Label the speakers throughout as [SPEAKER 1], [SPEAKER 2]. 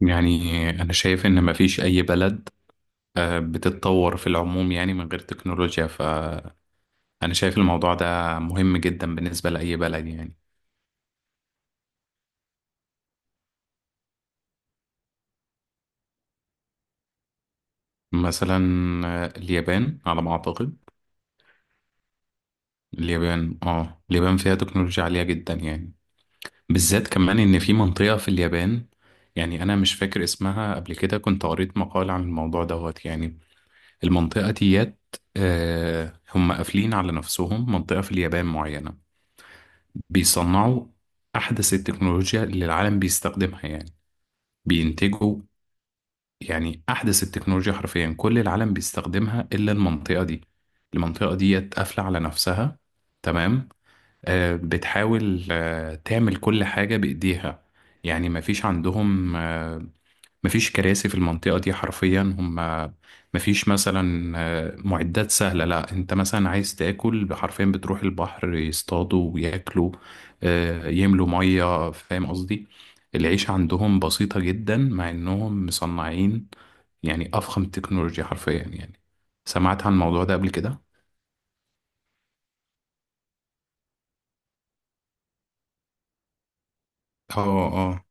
[SPEAKER 1] يعني أنا شايف إن مفيش أي بلد بتتطور في العموم يعني من غير تكنولوجيا، فأنا شايف الموضوع ده مهم جدا بالنسبة لأي بلد يعني. مثلا اليابان على ما أعتقد. اليابان فيها تكنولوجيا عالية جدا يعني، بالذات كمان إن في منطقة في اليابان، يعني أنا مش فاكر اسمها. قبل كده كنت قريت مقال عن الموضوع دوت يعني، المنطقة ديت. هم قافلين على نفسهم منطقة في اليابان معينة، بيصنعوا أحدث التكنولوجيا اللي العالم بيستخدمها يعني، بينتجوا يعني أحدث التكنولوجيا، حرفيا كل العالم بيستخدمها إلا المنطقة دي. المنطقة دي قافلة على نفسها، تمام. بتحاول تعمل كل حاجة بإيديها، يعني مفيش عندهم مفيش كراسي في المنطقة دي حرفيا. هم مفيش مثلا معدات سهلة. لا، انت مثلا عايز تاكل، حرفيا بتروح البحر يصطادوا وياكلوا، يملوا مية، فاهم قصدي. العيشة عندهم بسيطة جدا، مع انهم مصنعين يعني أفخم تكنولوجيا حرفيا يعني. سمعت عن الموضوع ده قبل كده؟ اه اه،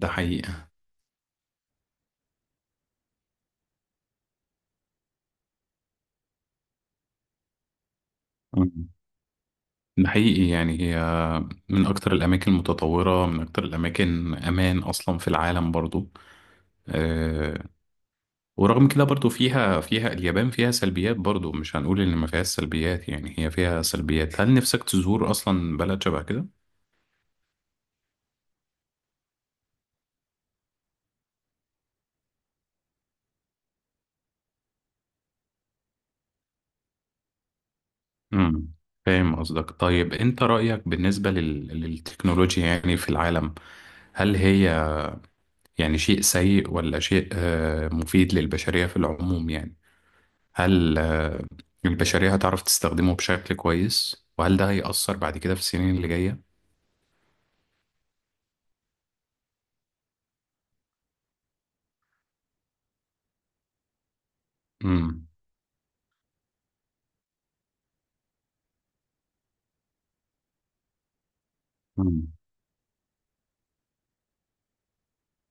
[SPEAKER 1] ده حقيقة. مم. ده حقيقي، يعني هي من أكتر الأماكن المتطورة، من أكتر الأماكن أمان أصلا في العالم برضو. آه، ورغم كده برضو فيها فيها اليابان فيها سلبيات برضو، مش هنقول ان ما فيهاش سلبيات، يعني هي فيها سلبيات. هل نفسك تزور اصلا بلد شبه كده؟ امم فاهم قصدك. طيب انت رأيك بالنسبة للتكنولوجيا يعني في العالم؟ هل هي يعني شيء سيء، ولا شيء مفيد للبشرية في العموم يعني؟ هل البشرية هتعرف تستخدمه بشكل كويس، وهل ده هيأثر بعد كده في السنين اللي جاية؟ امم امم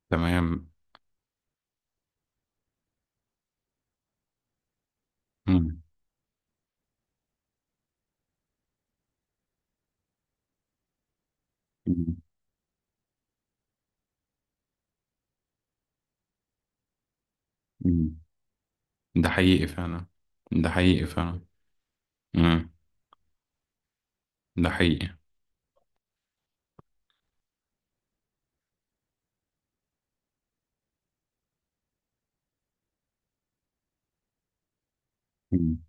[SPEAKER 1] تمام. امم ده حقيقي فعلا، ده حقيقي فعلا. امم ده حقيقي. مم.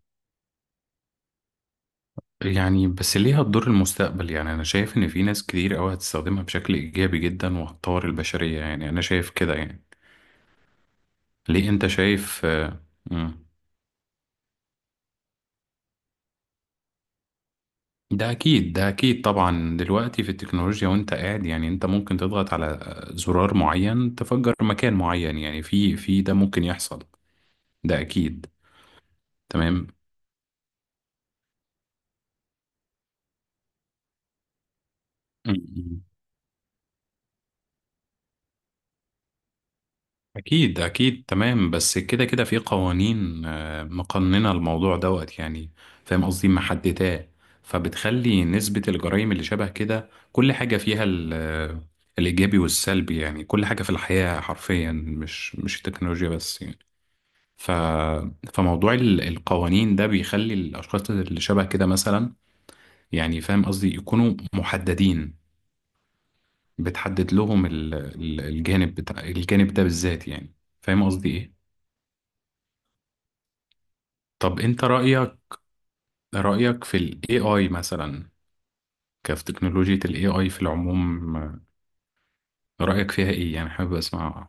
[SPEAKER 1] يعني بس ليه هتضر المستقبل؟ يعني انا شايف ان في ناس كتير قوي هتستخدمها بشكل ايجابي جدا، وهتطور البشرية، يعني انا شايف كده يعني. ليه انت شايف مم. ده اكيد، ده اكيد طبعا، دلوقتي في التكنولوجيا وانت قاعد يعني، انت ممكن تضغط على زرار معين تفجر مكان معين يعني، في ده ممكن يحصل. ده اكيد، تمام. مم. أكيد أكيد، تمام. بس كده كده في قوانين مقننة الموضوع دوت يعني، فاهم قصدي، محدداه. فبتخلي نسبة الجرائم اللي شبه كده، كل حاجة فيها الإيجابي والسلبي، يعني كل حاجة في الحياة حرفيا، مش التكنولوجيا بس يعني. ف فموضوع القوانين ده بيخلي الأشخاص اللي شبه كده مثلا، يعني فاهم قصدي، يكونوا محددين. بتحدد لهم الجانب بتاع الجانب ده بالذات يعني، فاهم قصدي إيه؟ طب انت رأيك، رأيك في ال AI مثلا، كيف تكنولوجيا ال AI في العموم، رأيك فيها ايه يعني، حابب اسمع.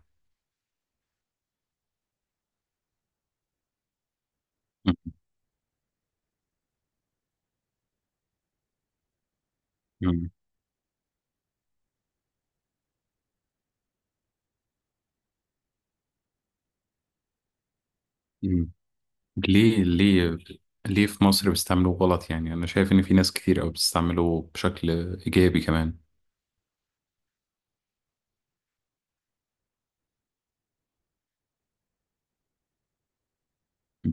[SPEAKER 1] م- م- م. ليه؟ ليه؟ ليه في مصر بيستعملوه غلط؟ يعني انا شايف ان في ناس كتير قوي بتستعمله بشكل ايجابي كمان. م.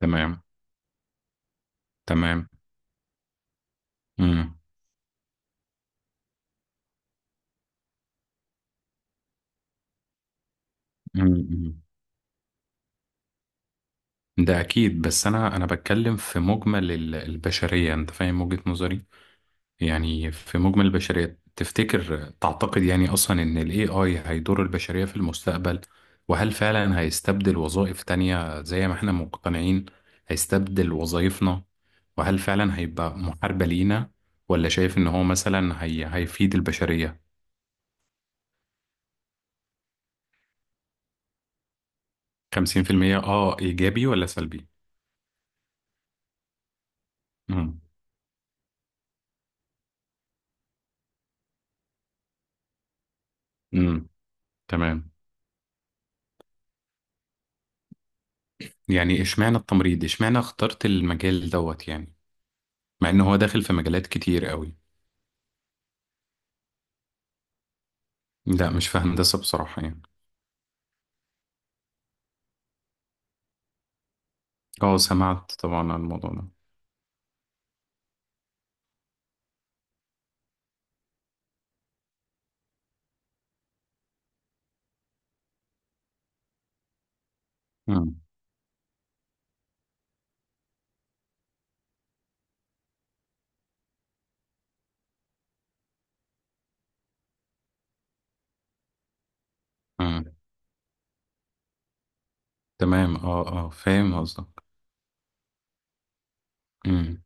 [SPEAKER 1] تمام تمام. م. م- م. ده اكيد، بس انا بتكلم في مجمل البشرية، انت فاهم وجهة نظري. يعني في مجمل البشرية تفتكر، تعتقد يعني أصلا إن ال AI هيضر البشرية في المستقبل؟ وهل فعلا هيستبدل وظائف تانية زي ما احنا مقتنعين هيستبدل وظائفنا؟ وهل فعلا هيبقى محاربة لينا، ولا شايف إن هو مثلا هي هيفيد البشرية؟ 50% إيجابي ولا سلبي؟ امم امم تمام. يعني اشمعنى التمريض، اشمعنى اخترت المجال دوت يعني، مع إن هو داخل في مجالات كتير قوي. لا، مش في هندسة بصراحة يعني. اه، سمعت طبعا عن الموضوع ده. مم. مم. تمام. اه اه، فاهم قصدك. مم.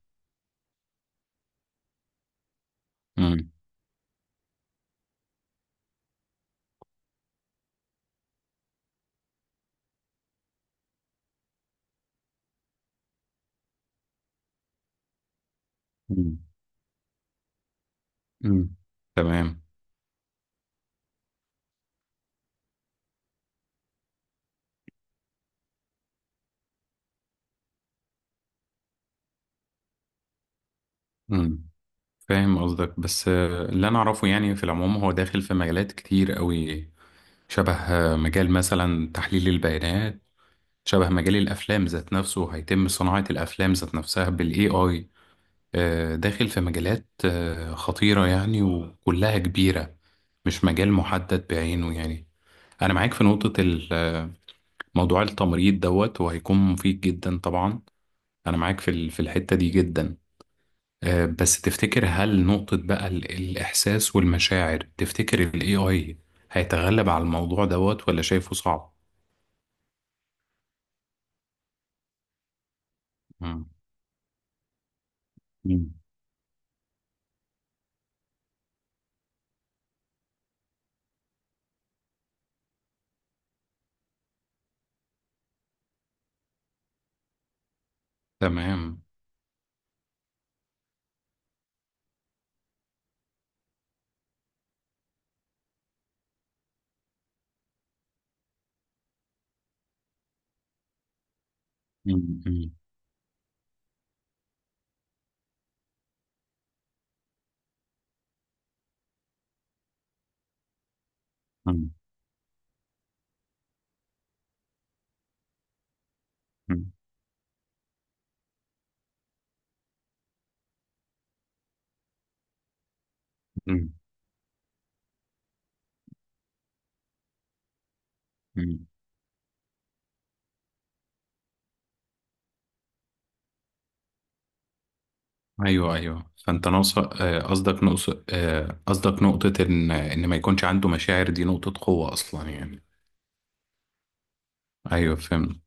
[SPEAKER 1] مم. مم. مم. تمام. مم. فاهم قصدك، بس اللي انا اعرفه يعني في العموم هو داخل في مجالات كتير قوي، شبه مجال مثلا تحليل البيانات، شبه مجال الافلام ذات نفسه، هيتم صناعة الافلام ذات نفسها بالاي اي. داخل في مجالات خطيرة يعني، وكلها كبيرة، مش مجال محدد بعينه يعني. انا معاك في نقطة، موضوع التمريض دوت، وهيكون مفيد جدا طبعا. انا معاك في في الحتة دي جدا. بس تفتكر، هل نقطة بقى الإحساس والمشاعر، تفتكر ال AI هيتغلب على الموضوع دوت ولا شايفه صعب؟ مم. مم. تمام. مم. مم. مم. مم. مم. مم. ايوه ايوه، فانت ناقص قصدك نقص قصدك نقطة ان ما يكونش عنده مشاعر، دي نقطة قوة اصلا يعني. ايوه، فهمت.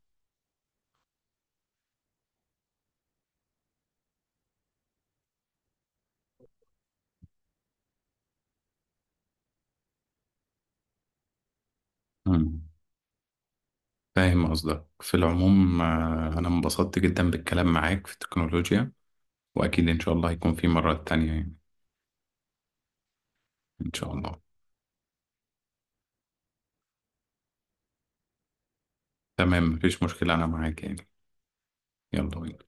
[SPEAKER 1] فاهم قصدك في العموم. أنا انبسطت جدا بالكلام معاك في التكنولوجيا، وأكيد إن شاء الله هيكون في مرات تانية يعني. إن شاء الله. تمام، مفيش مشكلة، أنا معاك يعني. يلا بينا.